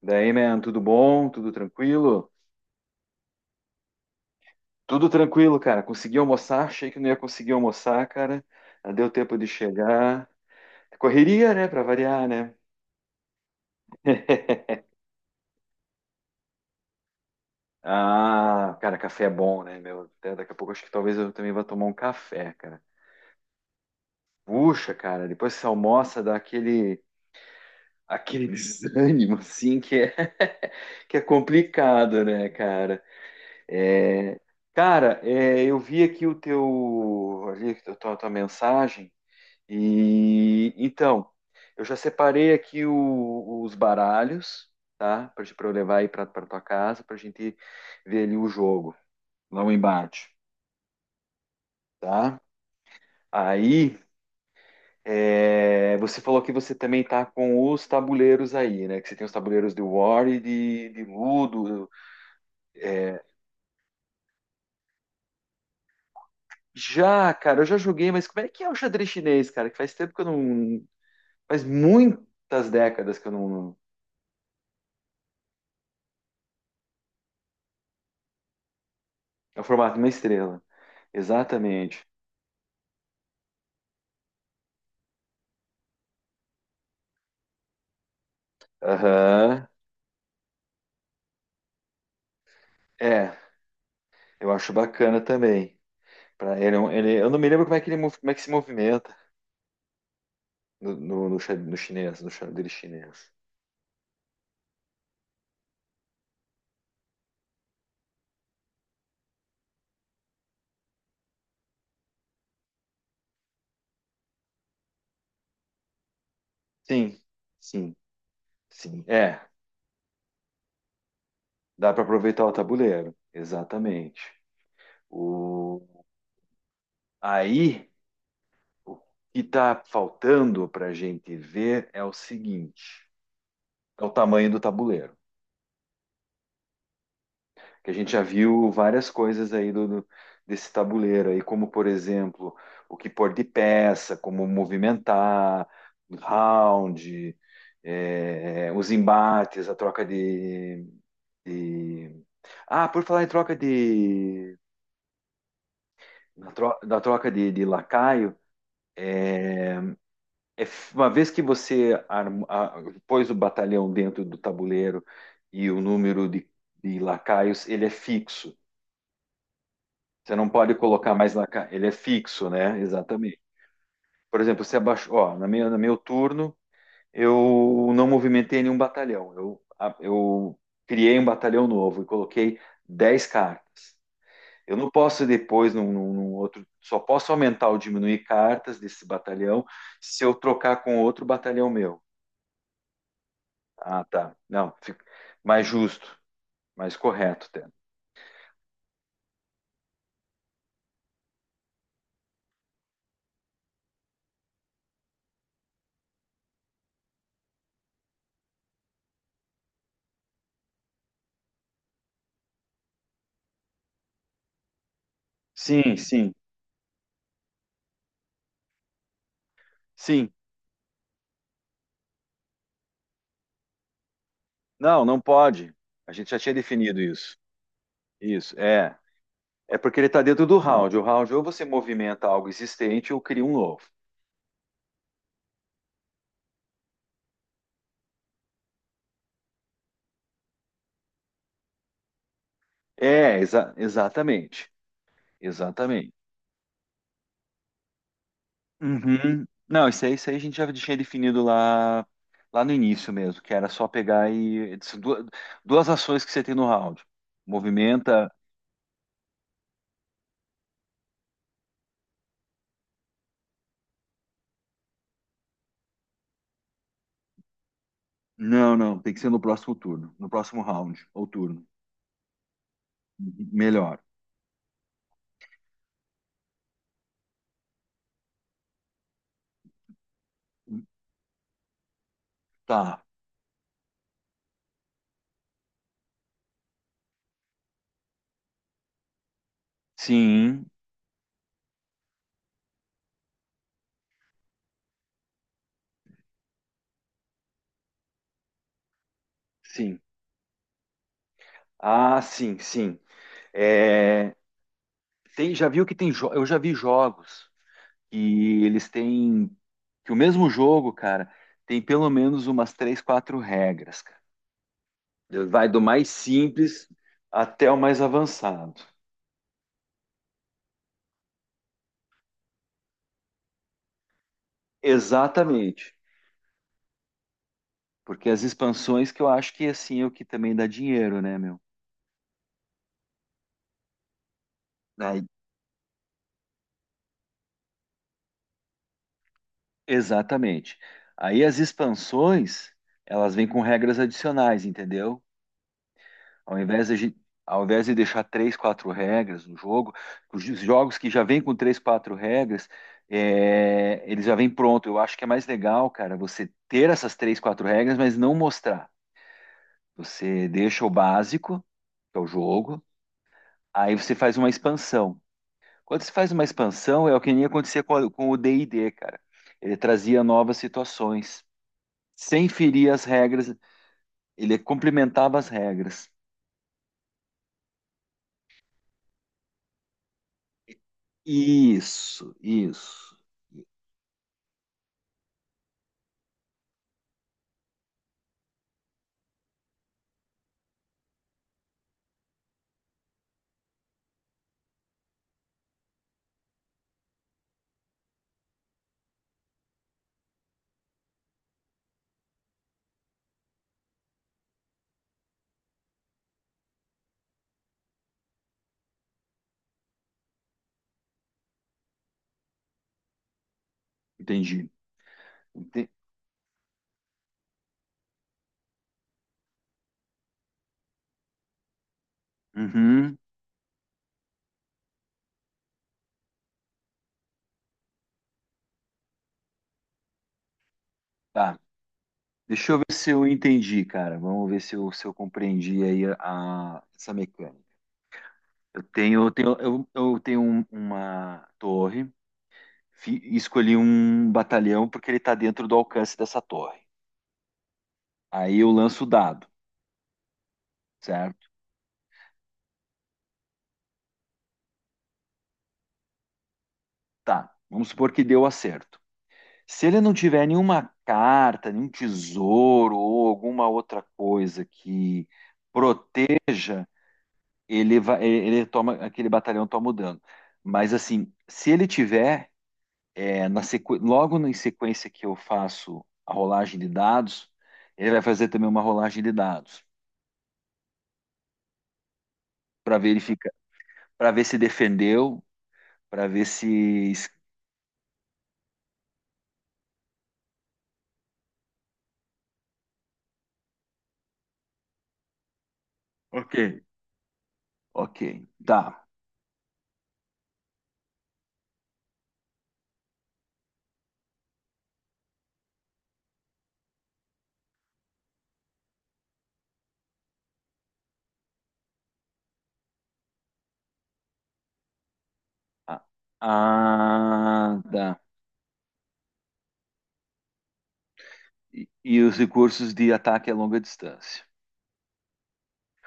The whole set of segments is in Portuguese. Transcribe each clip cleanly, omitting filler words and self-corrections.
Daí, man, tudo bom? Tudo tranquilo? Tudo tranquilo, cara. Consegui almoçar, achei que não ia conseguir almoçar, cara. Não deu tempo de chegar. Correria, né, pra variar, né? Ah, cara, café é bom, né, meu? Até daqui a pouco acho que talvez eu também vá tomar um café, cara. Puxa, cara, depois que você almoça dá aquele, aquele desânimo, assim, que é, que é complicado, né, cara? É, cara, é, eu vi aqui o teu, ali, a tua, tua mensagem e então eu já separei aqui os baralhos, tá, para eu levar aí para tua casa para a gente ver ali o jogo lá o embate, tá? Aí é, você falou que você também tá com os tabuleiros aí, né? Que você tem os tabuleiros de War e de Ludo. Já, cara, eu já joguei, mas como é que é o xadrez chinês, cara? Que faz tempo que eu não. Faz muitas décadas que eu não. É o formato de uma estrela. Exatamente. Aham. É, eu acho bacana também. Pra ele, é eu não me lembro como é que ele como é que se movimenta no chinês, no xadrez chinês. Sim, sim, sim. É, dá para aproveitar o tabuleiro. Exatamente. O, aí, o que está faltando para a gente ver é o seguinte: é o tamanho do tabuleiro, que a gente já viu várias coisas aí desse tabuleiro aí, como por exemplo, o que pôr de peça, como movimentar, round, os embates, a troca de, de- Ah, por falar em troca de. Da troca de lacaio, eh, é uma vez que você pôs o batalhão dentro do tabuleiro e o número de lacaios, ele é fixo. Você não pode colocar mais Ele é fixo, né? Exatamente. Por exemplo, você abaixou, ó, no meu turno, eu não movimentei nenhum batalhão. Eu criei um batalhão novo e coloquei 10 cartas. Eu não posso depois, num outro, só posso aumentar ou diminuir cartas desse batalhão se eu trocar com outro batalhão meu. Ah, tá. Não, fica mais justo, mais correto, até. Sim, sim, sim. Não, não pode. A gente já tinha definido isso. Isso, é. É porque ele está dentro do round. O round ou você movimenta algo existente ou cria um novo. É, exatamente. Exatamente. Uhum. Não, isso aí a gente já tinha definido lá, lá no início mesmo, que era só pegar e. Duas, duas ações que você tem no round. Movimenta. Não, não, tem que ser no próximo turno. No próximo round ou turno. Uhum, melhor. Tá. Sim, sim. Ah, sim, sim. É, tem, já viu que tem. Eu já vi jogos. Que eles têm que o mesmo jogo, cara, tem pelo menos umas três, quatro regras, cara. Vai do mais simples até o mais avançado. Exatamente. Porque as expansões que eu acho que assim é o que também dá dinheiro, né, meu? Aí- exatamente. Aí as expansões, elas vêm com regras adicionais, entendeu? Ao invés de, ao invés de deixar três, quatro regras no jogo, os jogos que já vêm com três, quatro regras, é, eles já vêm pronto. Eu acho que é mais legal, cara, você ter essas três, quatro regras, mas não mostrar. Você deixa o básico, que é o jogo, aí você faz uma expansão. Quando você faz uma expansão, é o que nem acontecia com, com o D&D, cara. Ele trazia novas situações, sem ferir as regras, ele complementava as regras. Isso, isso. Entendi. Ente- Uhum. Tá. Deixa eu ver se eu entendi, cara. Vamos ver se eu, se eu compreendi aí a, essa mecânica. Eu tenho, eu tenho, eu tenho uma torre, escolhi um batalhão porque ele está dentro do alcance dessa torre. Aí eu lanço o dado, certo? Tá. Vamos supor que deu acerto. Se ele não tiver nenhuma carta, nenhum tesouro ou alguma outra coisa que proteja, ele vai, ele toma, aquele batalhão toma o dano. Mas assim, se ele tiver, é, na sequ... logo em sequência que eu faço a rolagem de dados, ele vai fazer também uma rolagem de dados para verificar, para ver se defendeu, para ver se. Ok. Ok, tá. Ah, ah, tá. E os recursos de ataque a longa distância.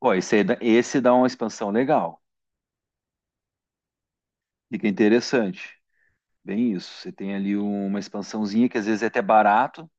Ó, esse dá uma expansão legal. Fica interessante. Bem isso. Você tem ali uma expansãozinha que às vezes é até barato,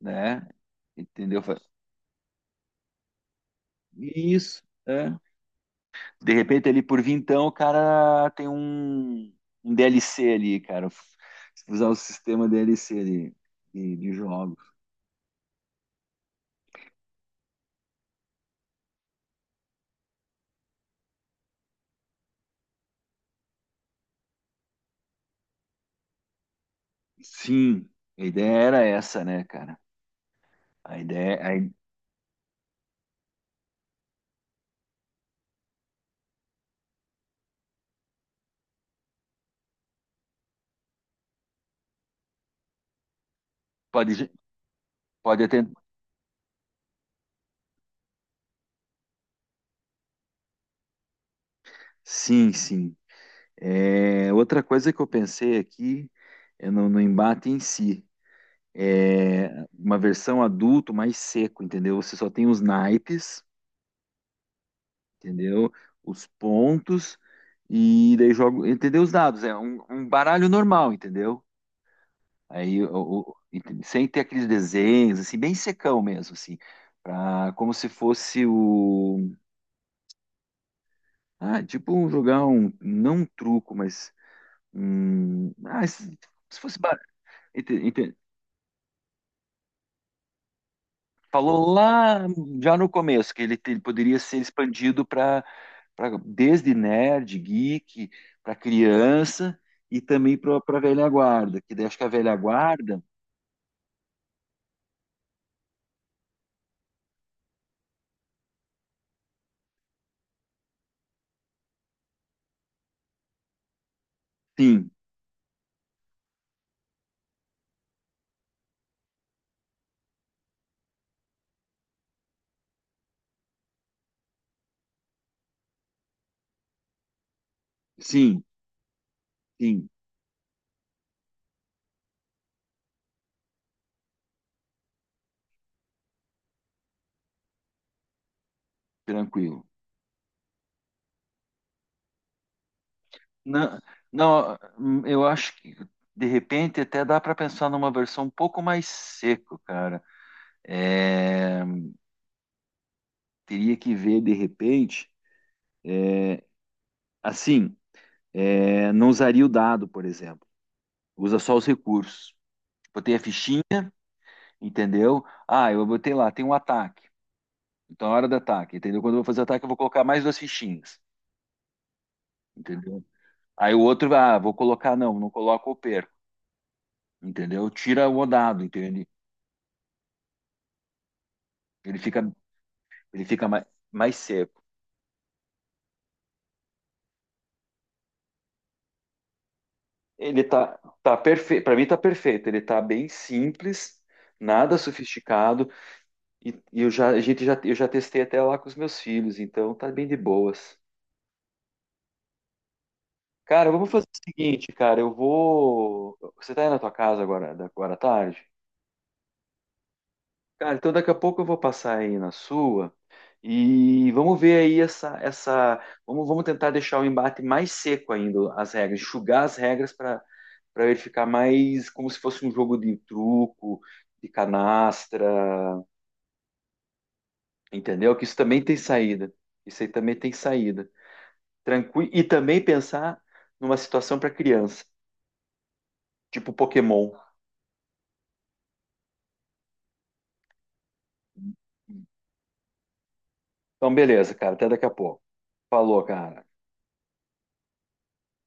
né? Entendeu? Isso, é. De repente ali por vintão o cara tem um, um DLC ali, cara. Usar o sistema DLC ali de jogos. Sim, a ideia era essa, né, cara? A ideia, aí pode, pode até. Sim, sim. É, outra coisa que eu pensei aqui é no, no embate em si. É, uma versão adulto mais seco, entendeu? Você só tem os naipes, entendeu? Os pontos e daí joga, entendeu? Os dados, é um, um baralho normal, entendeu? Aí, sem ter aqueles desenhos, assim, bem secão mesmo, assim, pra, como se fosse o, ah, tipo jogar um, não um truco, mas, um, ah, se fosse baralho, falou lá já no começo que ele, ele poderia ser expandido para desde nerd, geek, para criança e também para a velha guarda, que daí acho que a velha guarda, sim, sim, sim, tranquilo. Não, não, eu acho que de repente até dá para pensar numa versão um pouco mais seco, cara. É, teria que ver de repente, assim, é, não usaria o dado, por exemplo. Usa só os recursos. Botei a fichinha. Entendeu? Ah, eu botei lá, tem um ataque. Então, a hora do ataque, entendeu? Quando eu vou fazer o ataque, eu vou colocar mais duas fichinhas, entendeu? Aí o outro, ah, vou colocar, não, não coloco ou perco, entendeu? Tira o dado, entende? Ele fica, ele fica mais, mais seco. Ele tá, tá perfeito, para mim tá perfeito. Ele tá bem simples, nada sofisticado, e eu já, a gente já, eu já testei até lá com os meus filhos, então tá bem de boas. Cara, vamos fazer o seguinte, cara, eu vou. Você tá aí na tua casa agora, agora à tarde? Cara, então daqui a pouco eu vou passar aí na sua e vamos ver aí essa, vamos, vamos tentar deixar o embate mais seco ainda, as regras, enxugar as regras para para ele ficar mais como se fosse um jogo de truco, de canastra, entendeu? Que isso também tem saída. Isso aí também tem saída. Tranquilo. E também pensar numa situação para criança, tipo Pokémon. Então, beleza, cara. Até daqui a pouco. Falou, cara.